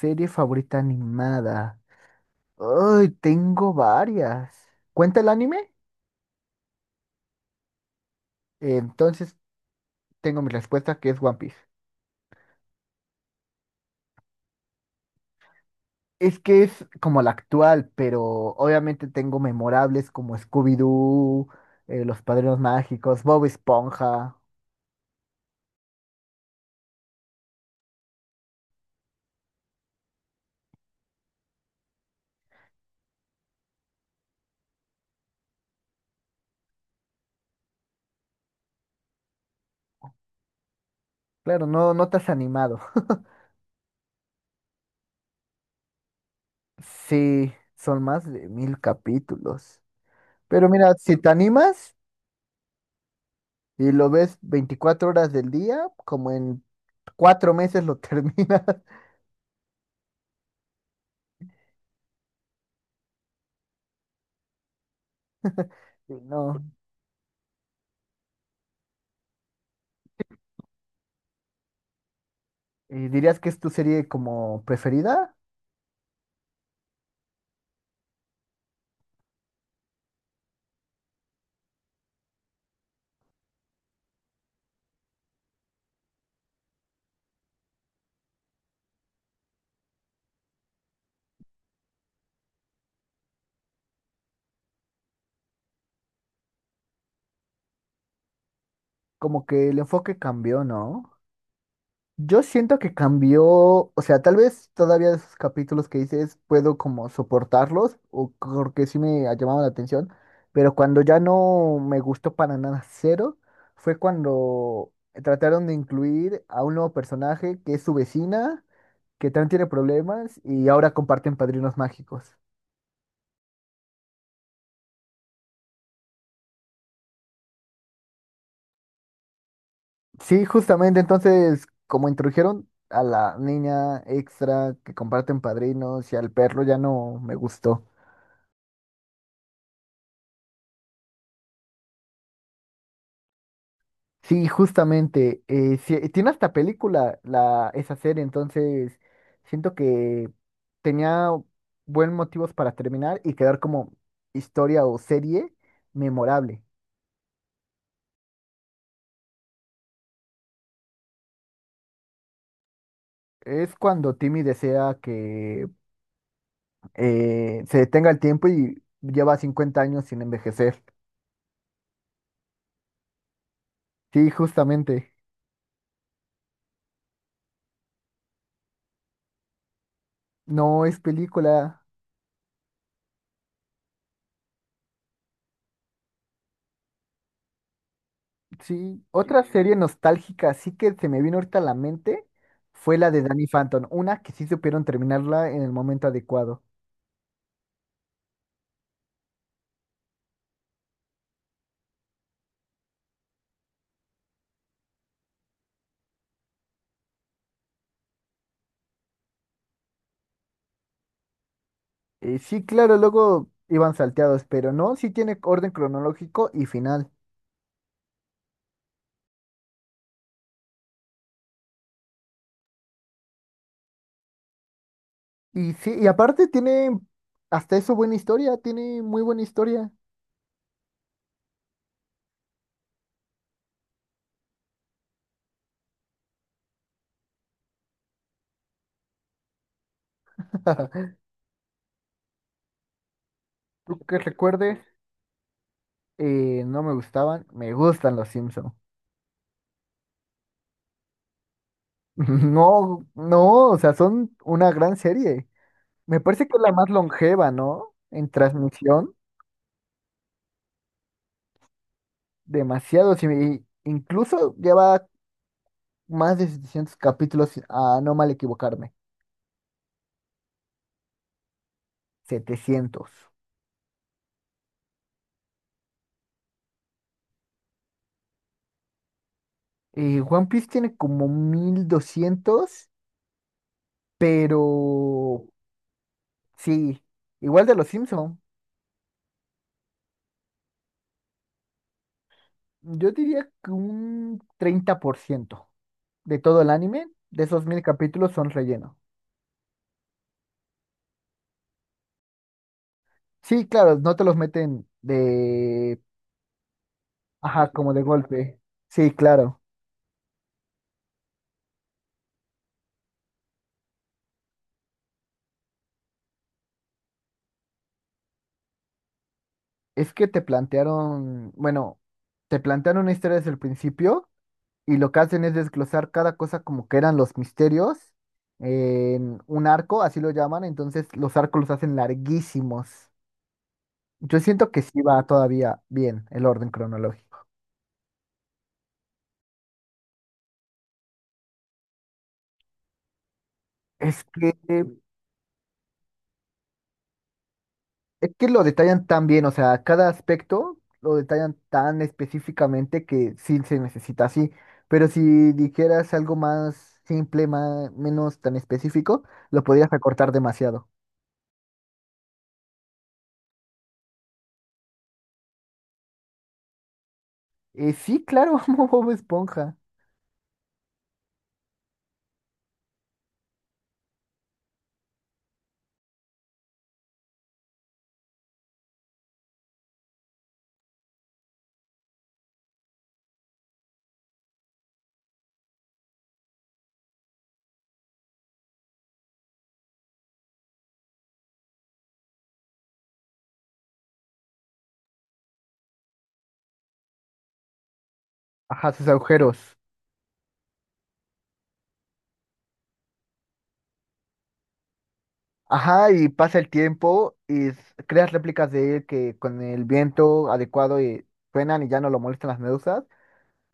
Serie favorita animada. Ay, tengo varias. ¿Cuenta el anime? Entonces tengo mi respuesta que es One Piece. Es que es como la actual, pero obviamente tengo memorables como Scooby-Doo, Los Padrinos Mágicos, Bob Esponja. Claro, no, no te has animado. Sí, son más de 1000 capítulos. Pero mira, si te animas y lo ves 24 horas del día, como en 4 meses lo terminas. Y No, ¿Y dirías que es tu serie como preferida? Como que el enfoque cambió, ¿no? Yo siento que cambió, o sea, tal vez todavía de esos capítulos que dices puedo como soportarlos, o porque sí me ha llamado la atención, pero cuando ya no me gustó para nada cero, fue cuando trataron de incluir a un nuevo personaje que es su vecina, que también tiene problemas y ahora comparten padrinos mágicos. Sí, justamente entonces, como introdujeron a la niña extra que comparten padrinos y al perro, ya no me gustó. Sí, justamente, sí, tiene hasta película esa serie, entonces siento que tenía buen motivos para terminar y quedar como historia o serie memorable. Es cuando Timmy desea que se detenga el tiempo y lleva 50 años sin envejecer. Sí, justamente. No es película. Sí, otra serie nostálgica así que se me vino ahorita a la mente fue la de Danny Phantom, una que sí supieron terminarla en el momento adecuado. Sí, claro, luego iban salteados, pero no, sí tiene orden cronológico y final. Y sí, y aparte tiene hasta eso buena historia, tiene muy buena historia. Tú que recuerdes, no me gustaban, me gustan los Simpsons. No, no, o sea, son una gran serie. Me parece que es la más longeva, ¿no? En transmisión. Demasiado. Sí, y incluso lleva más de 700 capítulos, a no mal equivocarme. 700. One Piece tiene como 1200, pero sí, igual de los Simpson. Yo diría que un 30% de todo el anime, de esos 1000 capítulos, son relleno. Sí, claro, no te los meten de... Ajá, como de golpe. Sí, claro. Es que te plantearon, bueno, te plantearon una historia desde el principio y lo que hacen es desglosar cada cosa como que eran los misterios en un arco, así lo llaman, entonces los arcos los hacen larguísimos. Yo siento que sí va todavía bien el orden cronológico. Es que es que lo detallan tan bien, o sea, cada aspecto lo detallan tan específicamente que sí se necesita así. Pero si dijeras algo más simple, más, menos tan específico, lo podrías recortar demasiado. Sí, claro, como Bob Esponja. Ajá, sus agujeros. Ajá, y pasa el tiempo y creas réplicas de él que con el viento adecuado suenan y ya no lo molestan las medusas.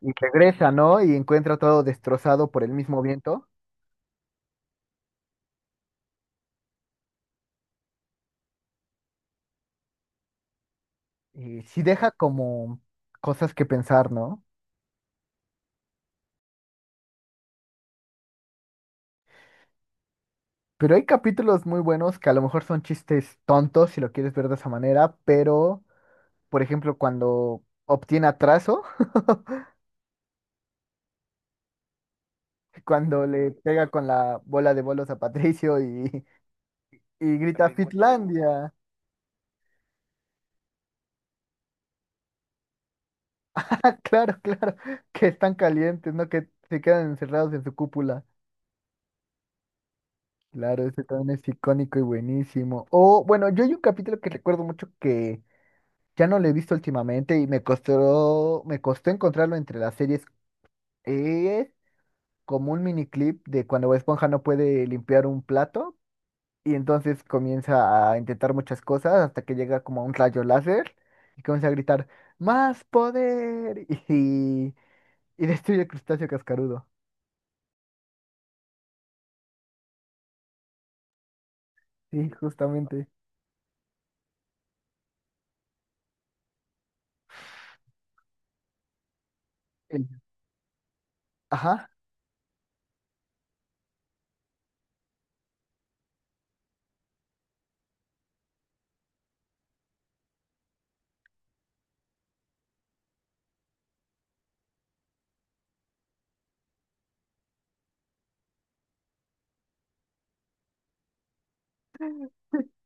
Y regresa, ¿no? Y encuentra todo destrozado por el mismo viento. Sí, deja como cosas que pensar, ¿no? Pero hay capítulos muy buenos que a lo mejor son chistes tontos si lo quieres ver de esa manera, pero, por ejemplo, cuando obtiene atraso, cuando le pega con la bola de bolos a Patricio y grita También bueno. Fitlandia. Ah, claro, claro, que están calientes, ¿no? Que se quedan encerrados en su cúpula. Claro, ese también es icónico y buenísimo. O, bueno, yo hay un capítulo que recuerdo mucho que ya no lo he visto últimamente y me costó encontrarlo entre las series. Es como un miniclip de cuando Bob Esponja no puede limpiar un plato y entonces comienza a intentar muchas cosas hasta que llega como a un rayo láser y comienza a gritar ¡Más poder! y, y destruye el crustáceo cascarudo. Sí, justamente. El- Ajá,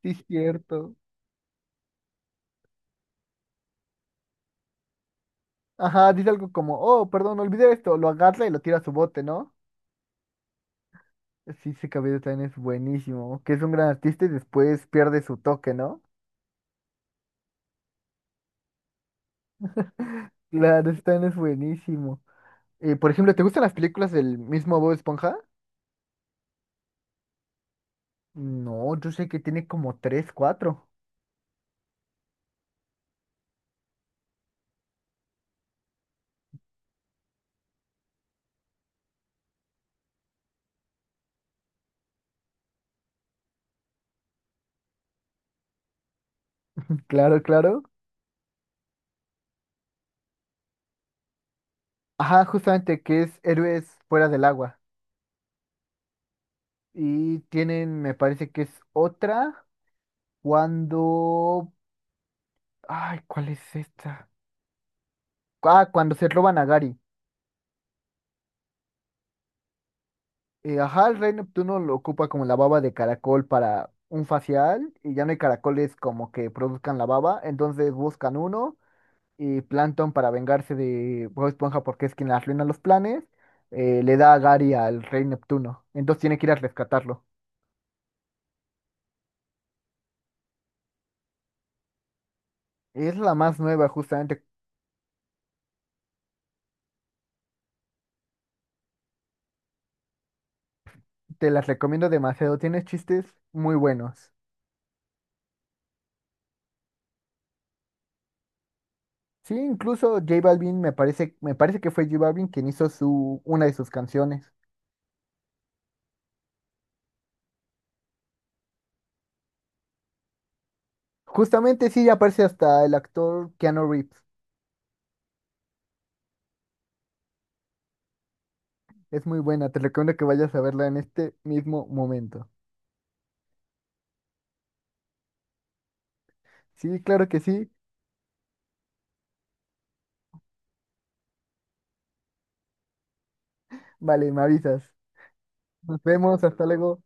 sí, es cierto. Ajá, dice algo como, oh, perdón, olvidé esto. Lo agarra y lo tira a su bote, ¿no? Sí, ese cabello también es buenísimo. Que es un gran artista y después pierde su toque, ¿no? Claro, ese también es buenísimo. Por ejemplo, ¿te gustan las películas del mismo Bob Esponja? No, yo sé que tiene como tres, cuatro. Claro, claro. Ajá, justamente que es Héroes Fuera del Agua. Y tienen, me parece que es otra cuando... Ay, ¿cuál es esta? Ah, cuando se roban a Gary. Ajá, el rey Neptuno lo ocupa como la baba de caracol para un facial y ya no hay caracoles como que produzcan la baba, entonces buscan uno y Plankton para vengarse de Bob Esponja porque es quien le arruina los planes, le da a Gary al rey Neptuno, entonces tiene que ir a rescatarlo. Es la más nueva justamente, te las recomiendo demasiado, tiene chistes muy buenos. Sí, incluso J Balvin me parece que fue J Balvin quien hizo su, una de sus canciones. Justamente sí aparece hasta el actor Keanu Reeves. Es muy buena, te recomiendo que vayas a verla en este mismo momento. Sí, claro que sí. Vale, me avisas. Nos vemos, hasta luego.